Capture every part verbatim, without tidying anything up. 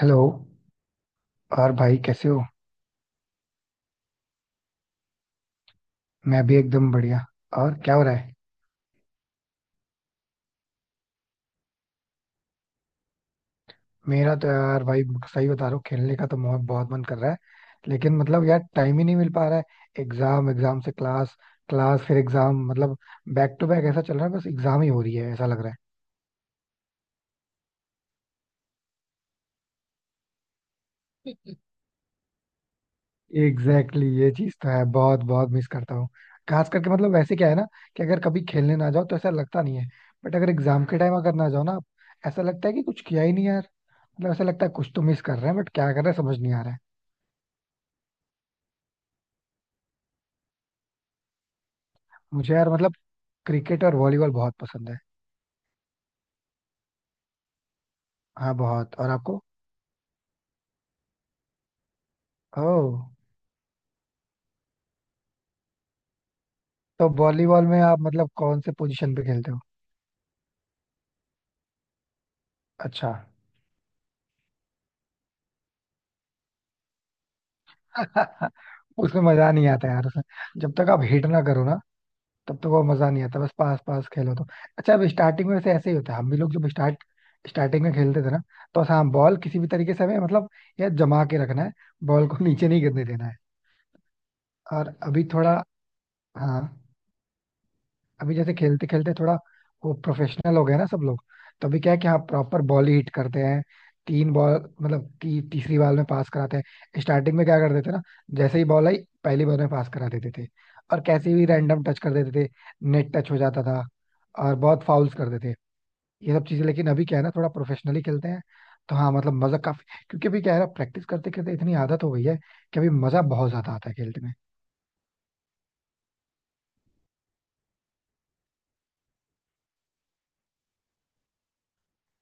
Hello. और भाई कैसे हो? मैं भी एकदम बढ़िया. और क्या हो रहा है? मेरा तो यार भाई सही बता रहा हूँ, खेलने का तो बहुत बहुत मन कर रहा है. लेकिन मतलब यार टाइम ही नहीं मिल पा रहा है. एग्जाम एग्जाम से क्लास, क्लास फिर एग्जाम. मतलब बैक टू बैक ऐसा चल रहा है, बस एग्जाम ही हो रही है ऐसा लग रहा है. एग्जैक्टली exactly, ये चीज तो है, बहुत बहुत मिस करता हूँ. खास करके मतलब वैसे क्या है ना, कि अगर कभी खेलने ना जाओ तो ऐसा लगता नहीं है. बट अगर एग्जाम के टाइम अगर ना जाओ ना, ऐसा लगता है कि कुछ किया ही नहीं यार. मतलब ऐसा लगता है कुछ तो मिस कर रहे हैं, बट क्या कर रहे हैं समझ नहीं आ रहा है. मुझे यार मतलब क्रिकेट और वॉलीबॉल बहुत पसंद है. हाँ बहुत. और आपको? ओह. तो वॉलीबॉल में आप मतलब कौन से पोजीशन पे खेलते हो? अच्छा. उसमें मजा नहीं आता यार, उसमें जब तक आप हिट ना करो ना, तब तक वो मजा नहीं आता. बस पास पास खेलो तो. अच्छा, अब स्टार्टिंग में वैसे ऐसे ही होता है. हम भी लोग जब स्टार्ट स्टार्टिंग में खेलते थे ना, तो हाँ बॉल किसी भी तरीके से हमें मतलब, यार जमा के रखना है, बॉल को नीचे नहीं गिरने देना है. और अभी थोड़ा, हाँ, अभी जैसे खेलते खेलते थोड़ा वो प्रोफेशनल हो गया ना सब लोग. तो अभी क्या है कि हाँ, प्रॉपर बॉल ही हिट करते हैं. तीन बॉल, मतलब ती, तीसरी बॉल में पास कराते हैं. स्टार्टिंग में क्या कर देते ना, जैसे ही बॉल आई पहली बॉल में पास करा देते थे. और कैसे भी रैंडम टच कर देते थे, नेट टच हो जाता था, और बहुत फाउल्स कर देते थे, ये सब चीजें. लेकिन अभी क्या है ना, थोड़ा प्रोफेशनली खेलते हैं. तो हाँ मतलब मजा काफी, क्योंकि अभी क्या है ना, प्रैक्टिस करते करते इतनी आदत हो गई है कि अभी मजा बहुत ज्यादा आता है खेलते में.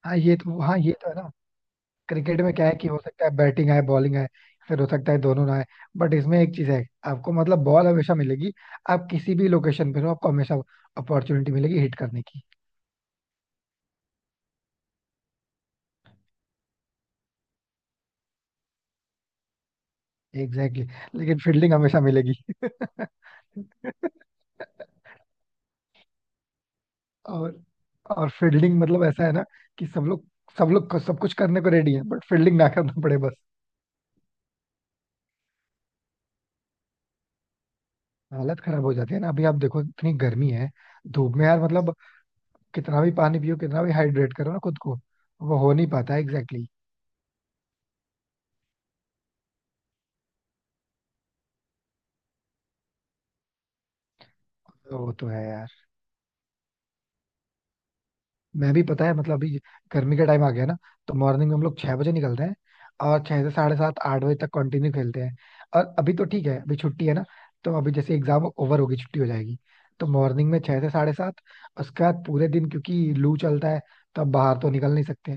हाँ ये तो, हाँ ये तो है ना. क्रिकेट में क्या है कि हो सकता है बैटिंग आए, बॉलिंग आए, फिर हो सकता है दोनों ना आए. बट इसमें एक चीज है, आपको मतलब बॉल हमेशा मिलेगी. आप किसी भी लोकेशन पर हो आपको हमेशा अपॉर्चुनिटी मिलेगी हिट करने की. Exactly exactly. लेकिन फील्डिंग हमेशा मिलेगी. और और फील्डिंग मतलब ऐसा है ना कि सब लोग, सब लोग सब कुछ करने को रेडी है, बट फील्डिंग ना करना पड़े बस. हालत खराब हो जाती है ना, अभी आप देखो इतनी गर्मी है. धूप में यार, मतलब कितना भी पानी पियो, कितना भी हाइड्रेट करो ना खुद को, वो हो नहीं पाता. Exactly exactly. वो तो है यार. मैं भी पता है मतलब अभी गर्मी का टाइम आ गया ना, तो मॉर्निंग में हम लोग छह बजे निकलते हैं. और छह से साढ़े सात आठ बजे तक कंटिन्यू खेलते हैं. और अभी तो ठीक है, अभी छुट्टी है ना, तो अभी जैसे एग्जाम ओवर होगी छुट्टी हो जाएगी. तो मॉर्निंग में छह से साढ़े सात, उसके बाद पूरे दिन क्योंकि लू चलता है तो अब बाहर तो निकल नहीं सकते.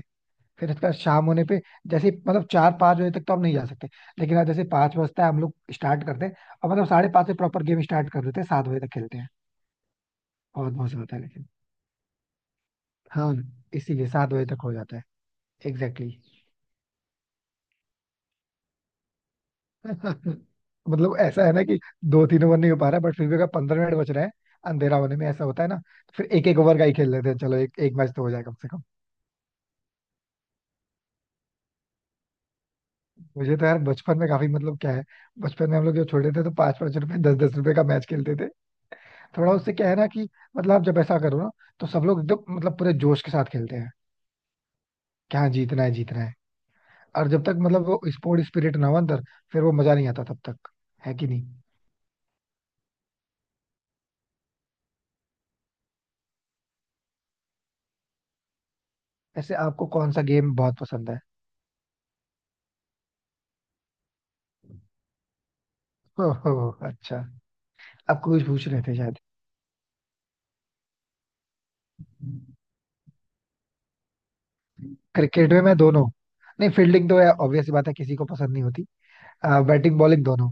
फिर उसके बाद शाम होने पे जैसे मतलब चार पाँच बजे तक तो हम नहीं जा सकते. लेकिन आज जैसे पाँच बजता है हम लोग स्टार्ट करते हैं, और मतलब साढ़े पाँच से प्रॉपर गेम स्टार्ट कर देते हैं, सात बजे तक खेलते हैं. बहुत मौसम होता है लेकिन, हाँ, इसीलिए सात बजे तक हो जाता है. Exactly exactly. मतलब ऐसा है ना कि दो तीन ओवर नहीं हो पा रहा है, बट फिर भी अगर पंद्रह मिनट बच रहे हैं अंधेरा होने में, ऐसा होता है ना, तो फिर एक एक ओवर का ही खेल लेते हैं. चलो एक एक मैच तो हो जाए कम से कम. मुझे तो यार बचपन में काफी, मतलब क्या है, बचपन में हम लोग जब छोटे थे तो पांच पांच रुपए दस दस रुपए का मैच खेलते थे. थोड़ा उससे क्या है ना कि मतलब आप जब ऐसा करो ना, तो सब लोग एकदम मतलब पूरे जोश के साथ खेलते हैं. क्या जीतना है जीतना है. और जब तक मतलब वो स्पोर्ट स्पिरिट ना हो अंदर, फिर वो मजा नहीं आता तब तक. है कि नहीं? ऐसे आपको कौन सा गेम बहुत पसंद है? ओहो, अच्छा. आपको कुछ पूछ रहे थे शायद. क्रिकेट में मैं दोनों. नहीं फील्डिंग तो ऑब्वियस बात है किसी को पसंद नहीं होती. बैटिंग बॉलिंग दोनों.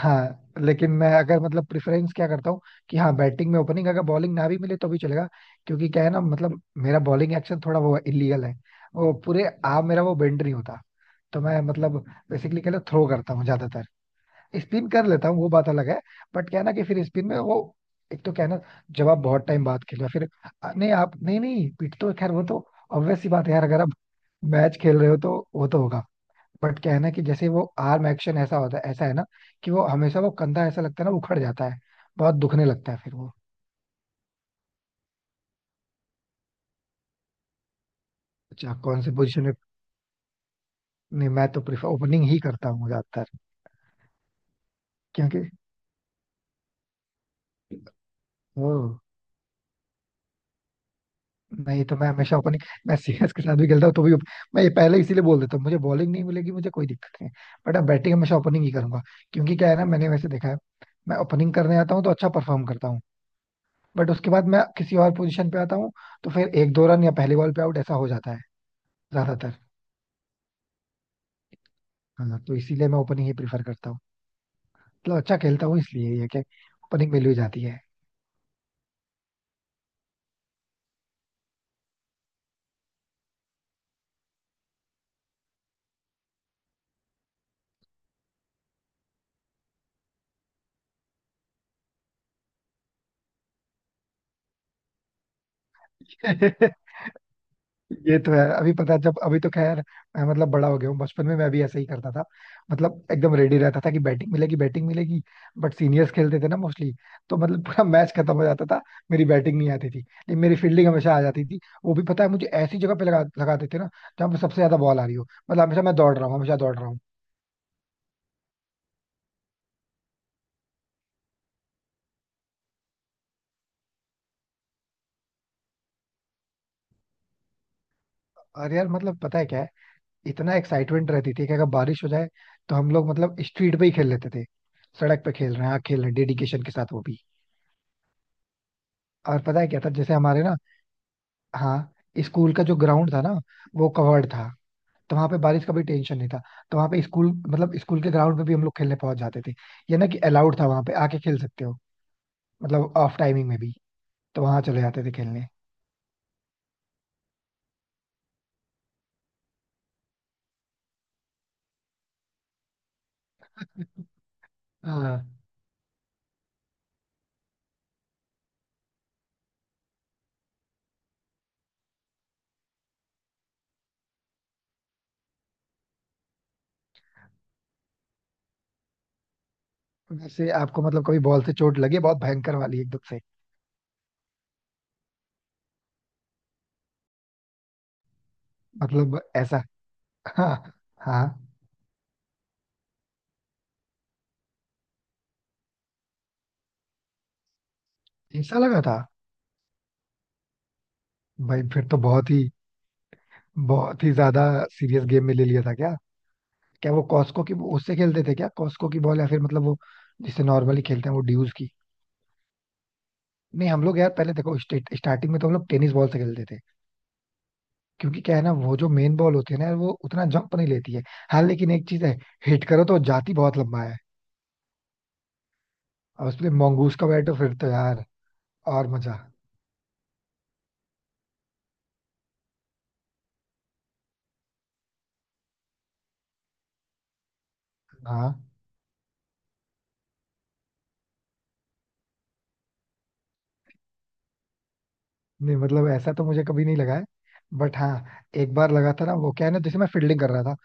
हाँ लेकिन मैं अगर मतलब प्रेफरेंस क्या करता हूँ, कि हाँ बैटिंग में ओपनिंग, अगर बॉलिंग ना भी मिले तो भी चलेगा. क्योंकि क्या है ना मतलब मेरा बॉलिंग एक्शन थोड़ा वो इलीगल है, वो पूरे आर्म मेरा वो बेंड नहीं होता. तो मैं मतलब बेसिकली क्या थ्रो करता हूँ ज्यादातर, स्पिन कर लेता हूँ, वो बात अलग है. बट क्या है ना कि फिर स्पिन में वो, एक तो क्या है ना जब आप बहुत टाइम बाद खेल रहे हो, फिर अ, नहीं आप नहीं नहीं, पिट तो खैर वो तो ऑब्वियस सी बात है यार. अगर आप मैच खेल रहे हो तो वो तो होगा. बट क्या है ना कि जैसे वो आर्म एक्शन ऐसा होता है, ऐसा है ना कि वो हमेशा वो कंधा ऐसा लगता है ना उखड़ जाता है, बहुत दुखने लगता है फिर वो. अच्छा कौन से पोजीशन में? नहीं मैं तो प्रिफर ओपनिंग ही करता हूँ ज्यादातर. क्योंकि ओ, नहीं तो मैं हमेशा ओपनिंग, मैं सीएस के साथ भी खेलता हूँ तो भी मैं ये पहले इसीलिए बोल देता हूँ मुझे बॉलिंग नहीं मिलेगी, मुझे कोई दिक्कत नहीं. बट अब बैटिंग हमेशा ओपनिंग ही करूंगा. क्योंकि क्या है ना, मैंने वैसे देखा है, मैं ओपनिंग करने आता हूँ तो अच्छा परफॉर्म करता हूँ. बट उसके बाद मैं किसी और पोजीशन पे आता हूँ तो फिर एक दो रन या पहले बॉल पे आउट ऐसा हो जाता है ज्यादातर. हाँ तो इसीलिए मैं ओपनिंग ही प्रीफर करता हूँ. मतलब अच्छा खेलता हूँ इसलिए ये कि ओपनिंग मिल ही जाती है. ये तो है. अभी पता है, जब अभी तो खैर मैं मतलब बड़ा हो गया हूँ, बचपन में मैं भी ऐसे ही करता था. मतलब एकदम रेडी रहता था कि बैटिंग मिलेगी बैटिंग मिलेगी. बट सीनियर्स खेलते थे ना मोस्टली, तो मतलब पूरा मैच खत्म हो जाता था, मेरी बैटिंग नहीं आती थी. लेकिन मेरी फील्डिंग हमेशा आ जाती थी, वो भी पता है मुझे ऐसी जगह पे लगा लगा देते थे ना जहाँ पे सबसे ज्यादा बॉल आ रही हो. मतलब हमेशा मैं दौड़ रहा हूँ, हमेशा दौड़ रहा हूँ. अरे यार मतलब पता है क्या है, इतना एक्साइटमेंट रहती थी कि अगर बारिश हो जाए तो हम लोग मतलब स्ट्रीट पे ही खेल लेते थे. सड़क पे खेल रहे हैं, हाँ खेल रहे हैं, डेडिकेशन के साथ वो भी. और पता है क्या था जैसे हमारे ना, हाँ, स्कूल का जो ग्राउंड था ना, वो कवर्ड था तो वहां पे बारिश का भी टेंशन नहीं था. तो वहां पे स्कूल मतलब स्कूल के ग्राउंड में भी हम लोग खेलने पहुंच जाते थे. ये ना कि अलाउड था वहां पे आके खेल सकते हो, मतलब ऑफ टाइमिंग में भी, तो वहां चले जाते थे खेलने. हाँ. वैसे आपको मतलब कभी बॉल से चोट लगी है? बहुत भयंकर वाली एकदम से? मतलब ऐसा, हाँ हाँ, ऐसा लगा था. भाई फिर तो बहुत ही, बहुत ही ज्यादा सीरियस गेम में ले लिया था क्या? क्या वो कॉस्को की उससे खेलते थे क्या? कॉस्को की बॉल या फिर मतलब वो जिससे नॉर्मली खेलते हैं वो ड्यूज की? नहीं हम लोग यार पहले देखो स्टार्टिंग में तो हम लोग टेनिस बॉल से खेलते थे. क्योंकि क्या है ना वो जो मेन बॉल होती है ना यार, वो उतना जंप नहीं लेती है. हाँ लेकिन एक चीज है, हिट करो तो जाती बहुत लंबा है. और उसमें मंगूस का बैट हो फिर तो यार, और मजा. हाँ. नहीं मतलब ऐसा तो मुझे कभी नहीं लगा है. बट हाँ एक बार लगा था ना, वो क्या है ना जैसे मैं फील्डिंग कर रहा था,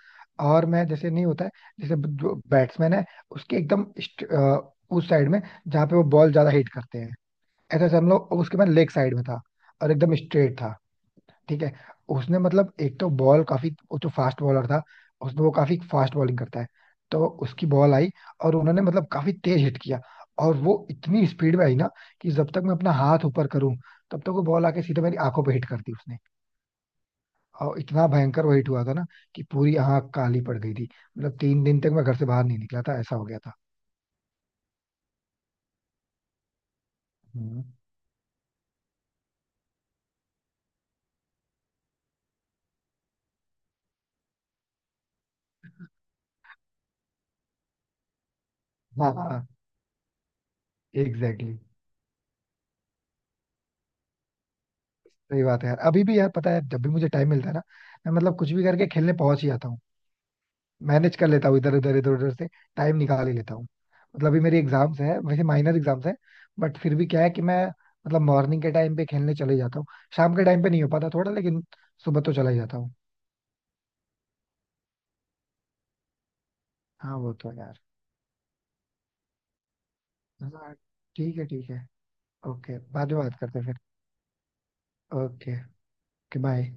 और मैं जैसे नहीं होता है जैसे ब- जो बैट्समैन है उसके एकदम स्ट- अ, उस साइड में जहाँ पे वो बॉल ज्यादा हिट करते हैं. ऐसा जैसे हम लोग उसके, मैं लेग साइड में था और एकदम स्ट्रेट था, ठीक है. उसने मतलब एक तो बॉल काफी, वो जो फास्ट बॉलर था, उसने वो काफी फास्ट बॉलिंग करता है, तो उसकी बॉल आई और उन्होंने मतलब काफी तेज हिट किया. और वो इतनी स्पीड में आई ना, कि जब तक मैं अपना हाथ ऊपर करूं, तब तक वो बॉल आके सीधे मेरी आंखों पे हिट कर दी उसने. और इतना भयंकर वो हिट हुआ था ना, कि पूरी आंख काली पड़ गई थी. मतलब तीन दिन तक मैं घर से बाहर नहीं निकला था, ऐसा हो गया था. हम्म। हाँ हाँ, एग्जैक्टली. सही बात है यार. अभी भी यार पता है जब भी मुझे टाइम मिलता है ना, मैं मतलब कुछ भी करके खेलने पहुंच ही जाता हूँ. मैनेज कर लेता हूँ इधर उधर इधर उधर से टाइम निकाल ही लेता हूँ. मतलब अभी मेरी एग्जाम्स है, वैसे माइनर एग्जाम्स है. बट फिर भी क्या है कि मैं मतलब मॉर्निंग के टाइम पे खेलने चले जाता हूँ. शाम के टाइम पे नहीं हो पाता थोड़ा, लेकिन सुबह तो चला ही जाता हूँ. हाँ वो तो है यार. हाँ, ठीक है ठीक है. ओके, बाद में बात करते हैं फिर. ओके. Okay bye.